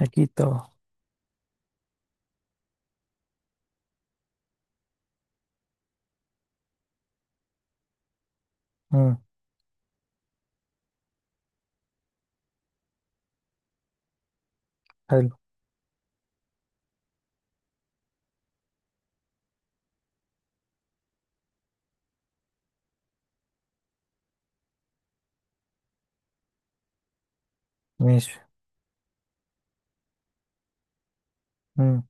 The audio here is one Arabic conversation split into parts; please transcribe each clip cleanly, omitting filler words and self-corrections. اكيد طبعا. امم حلو. ماشي. امم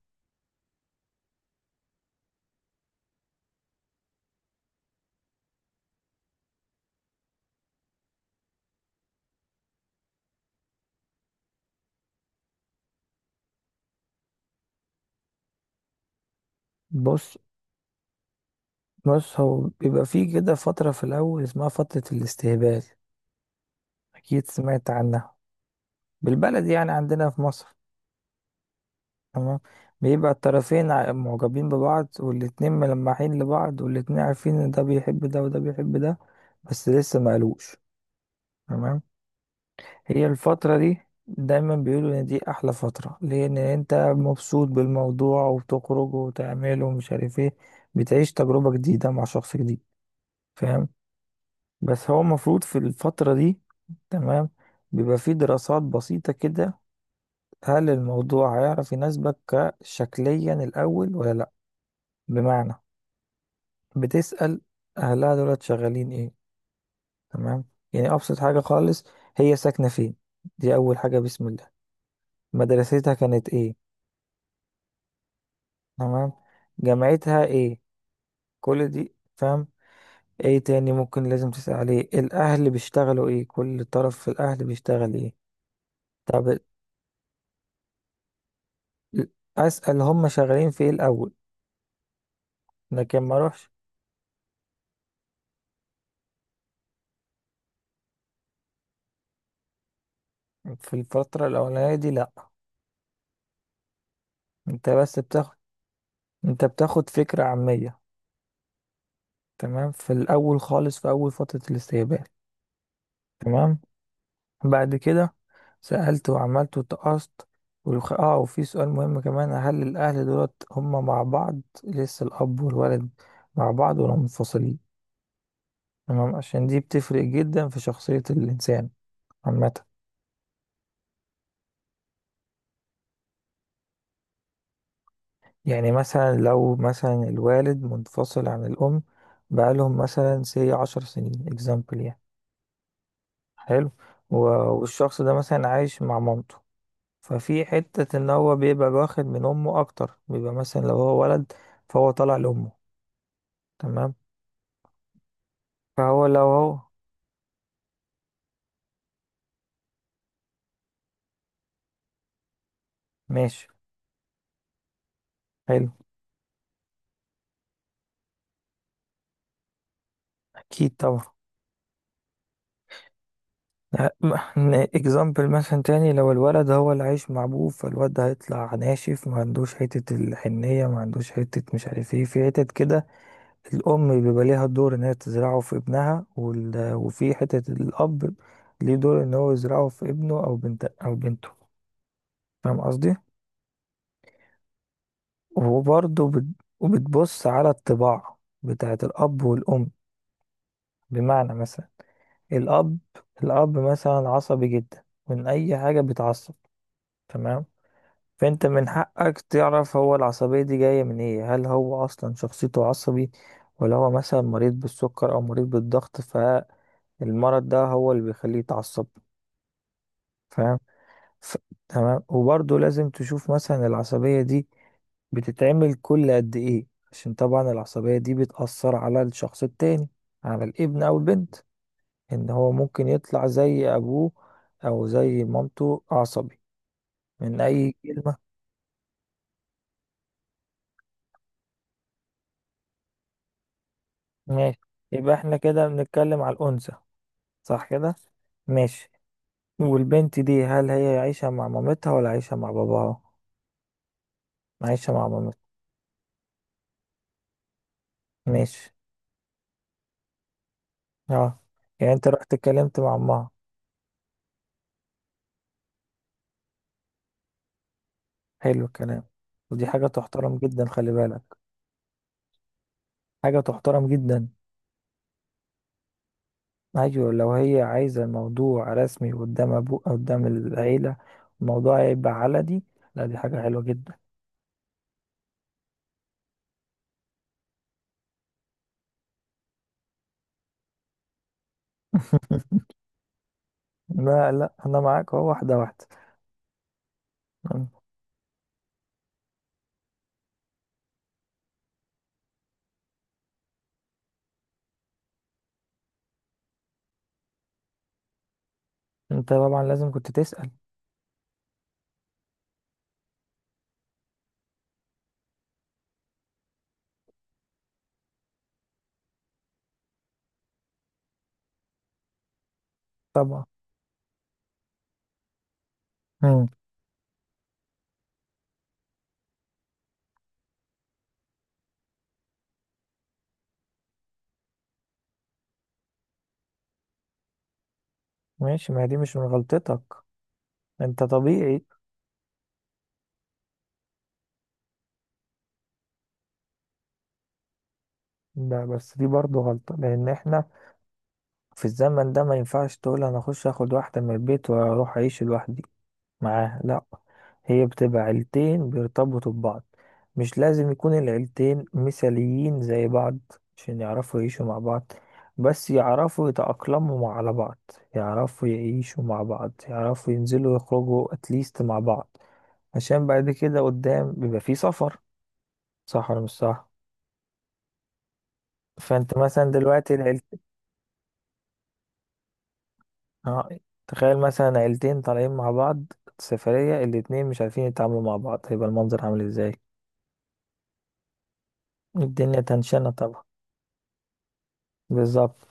بص. بص، هو بيبقى فيه كده فترة في الاول اسمها فترة الاستهبال، اكيد سمعت عنها بالبلد يعني عندنا في مصر. تمام، بيبقى الطرفين معجبين ببعض والاتنين ملمحين لبعض والاتنين عارفين ان ده بيحب ده وده بيحب ده، بس لسه ما قالوش. تمام، هي الفترة دي دايما بيقولوا ان دي احلى فترة لان انت مبسوط بالموضوع وبتخرج وتعمل ومش عارف ايه، بتعيش تجربة جديدة مع شخص جديد. فاهم؟ بس هو المفروض في الفترة دي، تمام، بيبقى فيه دراسات بسيطة كده. هل الموضوع هيعرف يناسبك كشكليا الاول ولا لا؟ بمعنى، بتسأل اهلها دولت شغالين ايه. تمام، يعني ابسط حاجة خالص. هي ساكنة فين؟ دي اول حاجة بسم الله. مدرستها كانت ايه؟ تمام. جامعتها ايه؟ كل دي فاهم. ايه تاني ممكن لازم تسأل عليه؟ الاهل بيشتغلوا ايه؟ كل طرف في الاهل بيشتغل ايه؟ طب اسأل هم شغالين في ايه الاول. لكن ما اروحش في الفترة الاولانية دي، لا. انت بس بتاخد، انت بتاخد فكرة عامية. تمام، في الاول خالص، في اول فترة الاستقبال. تمام، بعد كده سألت وعملت وتقصت اه، وفي سؤال مهم كمان، هل الأهل دولت هما مع بعض لسه؟ الأب والولد مع بعض ولا منفصلين؟ تمام، عشان دي بتفرق جدا في شخصية الإنسان عامة. يعني مثلا لو مثلا الوالد منفصل عن الأم بقالهم مثلا سي عشر سنين اكزامبل يعني. حلو. و... والشخص ده مثلا عايش مع مامته، ففي حتة إن هو بيبقى واخد من أمه أكتر. بيبقى مثلا لو هو ولد، فهو طالع لأمه. تمام. فهو لو هو، ماشي. حلو. اكيد طبعا. اكزامبل مثلا تاني، لو الولد هو اللي عايش مع ابوه، فالواد ده هيطلع ناشف، ما عندوش حتة الحنية، ما عندوش حتة مش عارف ايه، في حتت كده. الام بيبقى ليها دور ان هي تزرعه في ابنها، وفي حتة الاب، ليه دور ان هو يزرعه في ابنه او بنت او بنته. فاهم قصدي؟ وبرضه وبتبص على الطباع بتاعت الاب والام. بمعنى مثلا الأب، الأب مثلا عصبي جدا، من أي حاجة بيتعصب. تمام، فأنت من حقك تعرف هو العصبية دي جاية من إيه. هل هو أصلا شخصيته عصبي، ولا هو مثلا مريض بالسكر أو مريض بالضغط، فالمرض ده هو اللي بيخليه يتعصب؟ فاهم؟ ف... تمام، وبرضه لازم تشوف مثلا العصبية دي بتتعمل كل قد إيه، عشان طبعا العصبية دي بتأثر على الشخص التاني، على الابن أو البنت، ان هو ممكن يطلع زي ابوه او زي مامته عصبي من اي كلمة. ماشي، يبقى احنا كده بنتكلم على الانثى، صح كده؟ ماشي والبنت دي هل هي عايشة مع مامتها ولا عايشة مع باباها عايشة مع مامتها ماشي. اه. يعني انت رحت اتكلمت مع امها، حلو الكلام. ودي حاجة تحترم جدا، خلي بالك، حاجة تحترم جدا. ايوه، لو هي عايزة الموضوع رسمي قدام ابوه قدام العيلة، الموضوع هيبقى علني، لا دي حاجة حلوة جدا. لا لا، انا معاك، اهو واحده واحده. أم. انت طبعا لازم كنت تسأل. طبعا. أم. ماشي، ما هي دي مش من غلطتك، انت طبيعي. ده بس دي برضه غلطه، لان احنا في الزمن ده ما ينفعش تقول انا اخش اخد واحده من البيت واروح اعيش لوحدي معاه، لا. هي بتبقى عيلتين بيرتبطوا ببعض. مش لازم يكون العيلتين مثاليين زي بعض عشان يعرفوا يعيشوا مع بعض، بس يعرفوا يتأقلموا على بعض، يعرفوا يعيشوا مع بعض، يعرفوا ينزلوا يخرجوا اتليست مع بعض، عشان بعد كده قدام بيبقى فيه سفر. صح ولا مش صح؟ فانت مثلا دلوقتي العيلت، اه تخيل مثلا عيلتين طالعين مع بعض سفرية، الاتنين مش عارفين يتعاملوا مع بعض، هيبقى المنظر عامل ازاي؟ الدنيا تنشنة طبعا، بالظبط.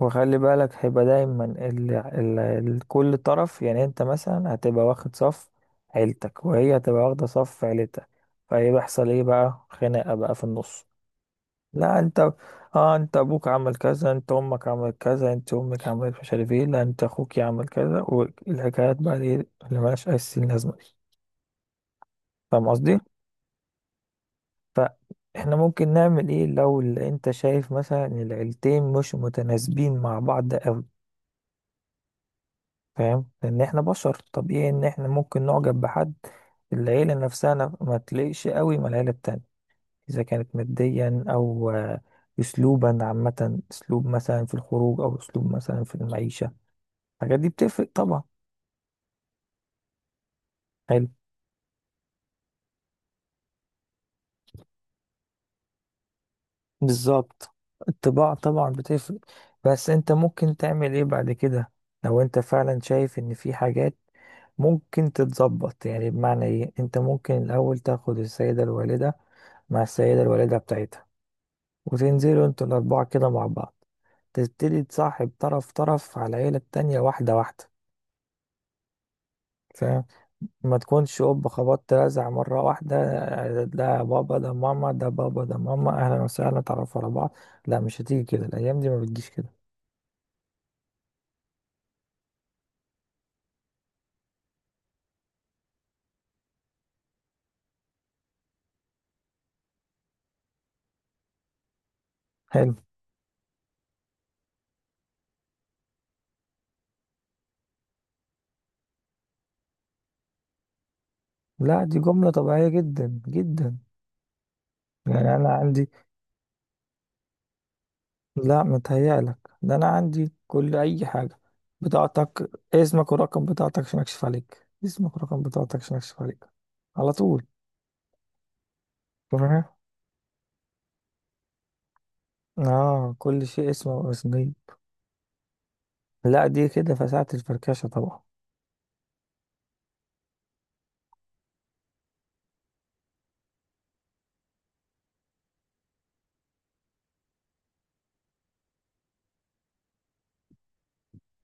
وخلي بالك، هيبقى دايما كل طرف، يعني انت مثلا هتبقى واخد صف عيلتك وهي هتبقى واخدة صف عيلتها، فهي بيحصل ايه بقى؟ خناقة بقى في النص. لا انت، اه انت ابوك عمل كذا، انت امك عملت كذا، انت امك عملت مش عارف ايه، لا انت اخوك عمل كذا، والحكايات بقى دي اللي ملهاش اي سن لازمة دي. فاهم قصدي؟ فاحنا ممكن نعمل ايه لو انت شايف مثلا ان العيلتين مش متناسبين مع بعض؟ فاهم، لان احنا بشر، طبيعي ان احنا ممكن نعجب بحد، العيلة نفسها ما تليقش قوي مع العيلة التانية، اذا كانت ماديا او آه، اسلوبا عامة، اسلوب مثلا في الخروج او اسلوب مثلا في المعيشة، الحاجات دي بتفرق طبعا. حلو، بالظبط. الطباع طبعا بتفرق. بس انت ممكن تعمل ايه بعد كده لو انت فعلا شايف ان في حاجات ممكن تتظبط؟ يعني بمعنى ايه، انت ممكن الاول تاخد السيدة الوالدة مع السيدة الوالدة بتاعتها، وتنزلوا انتوا الأربعة كده مع بعض، تبتدي تصاحب طرف طرف على العيلة التانية واحدة واحدة. فاهم؟ ما تكونش أوب خبطت رزع مرة واحدة، آه، ده بابا ده ماما ده بابا ده ماما، أهلا وسهلا تعرفوا على بعض، لا مش هتيجي كده، الأيام دي ما بتجيش كده. حلو. لا دي جملة طبيعية جدا جدا. يعني أنا عندي، لا متهيألك، ده أنا عندي كل أي حاجة، بطاقتك اسمك ورقم بطاقتك عشان أكشف عليك، اسمك ورقم بطاقتك عشان أكشف عليك على طول. اه، كل شيء اسمه واسميه. لا دي كده فساعة الفركشة طبعا.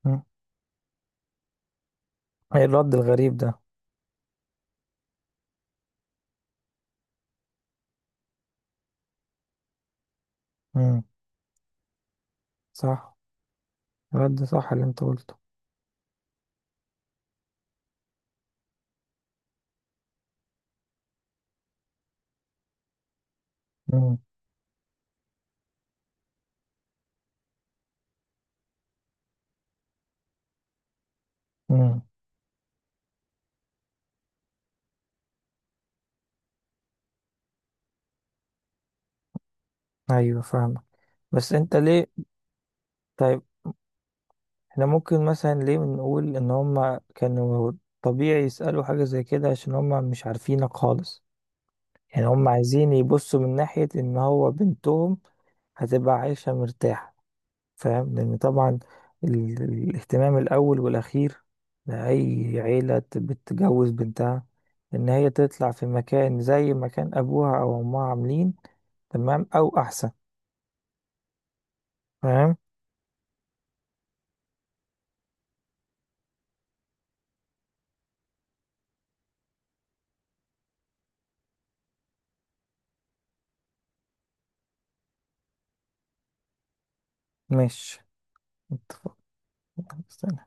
مم. ايه الرد الغريب ده؟ مم. صح، رد صح اللي انت قلته. مم. مم. ايوه فاهمة. بس انت ليه؟ طيب، احنا ممكن مثلا ليه نقول ان هما كانوا طبيعي يسألوا حاجة زي كده؟ عشان هما مش عارفينك خالص، يعني هما عايزين يبصوا من ناحية ان هو بنتهم هتبقى عايشة مرتاحة. فاهم؟ لأن طبعا الاهتمام الأول والأخير لأي عيلة بتجوز بنتها، إن هي تطلع في مكان زي مكان أبوها أو أمها عاملين، تمام، أو أحسن. فاهم؟ ماشي، اتفقنا.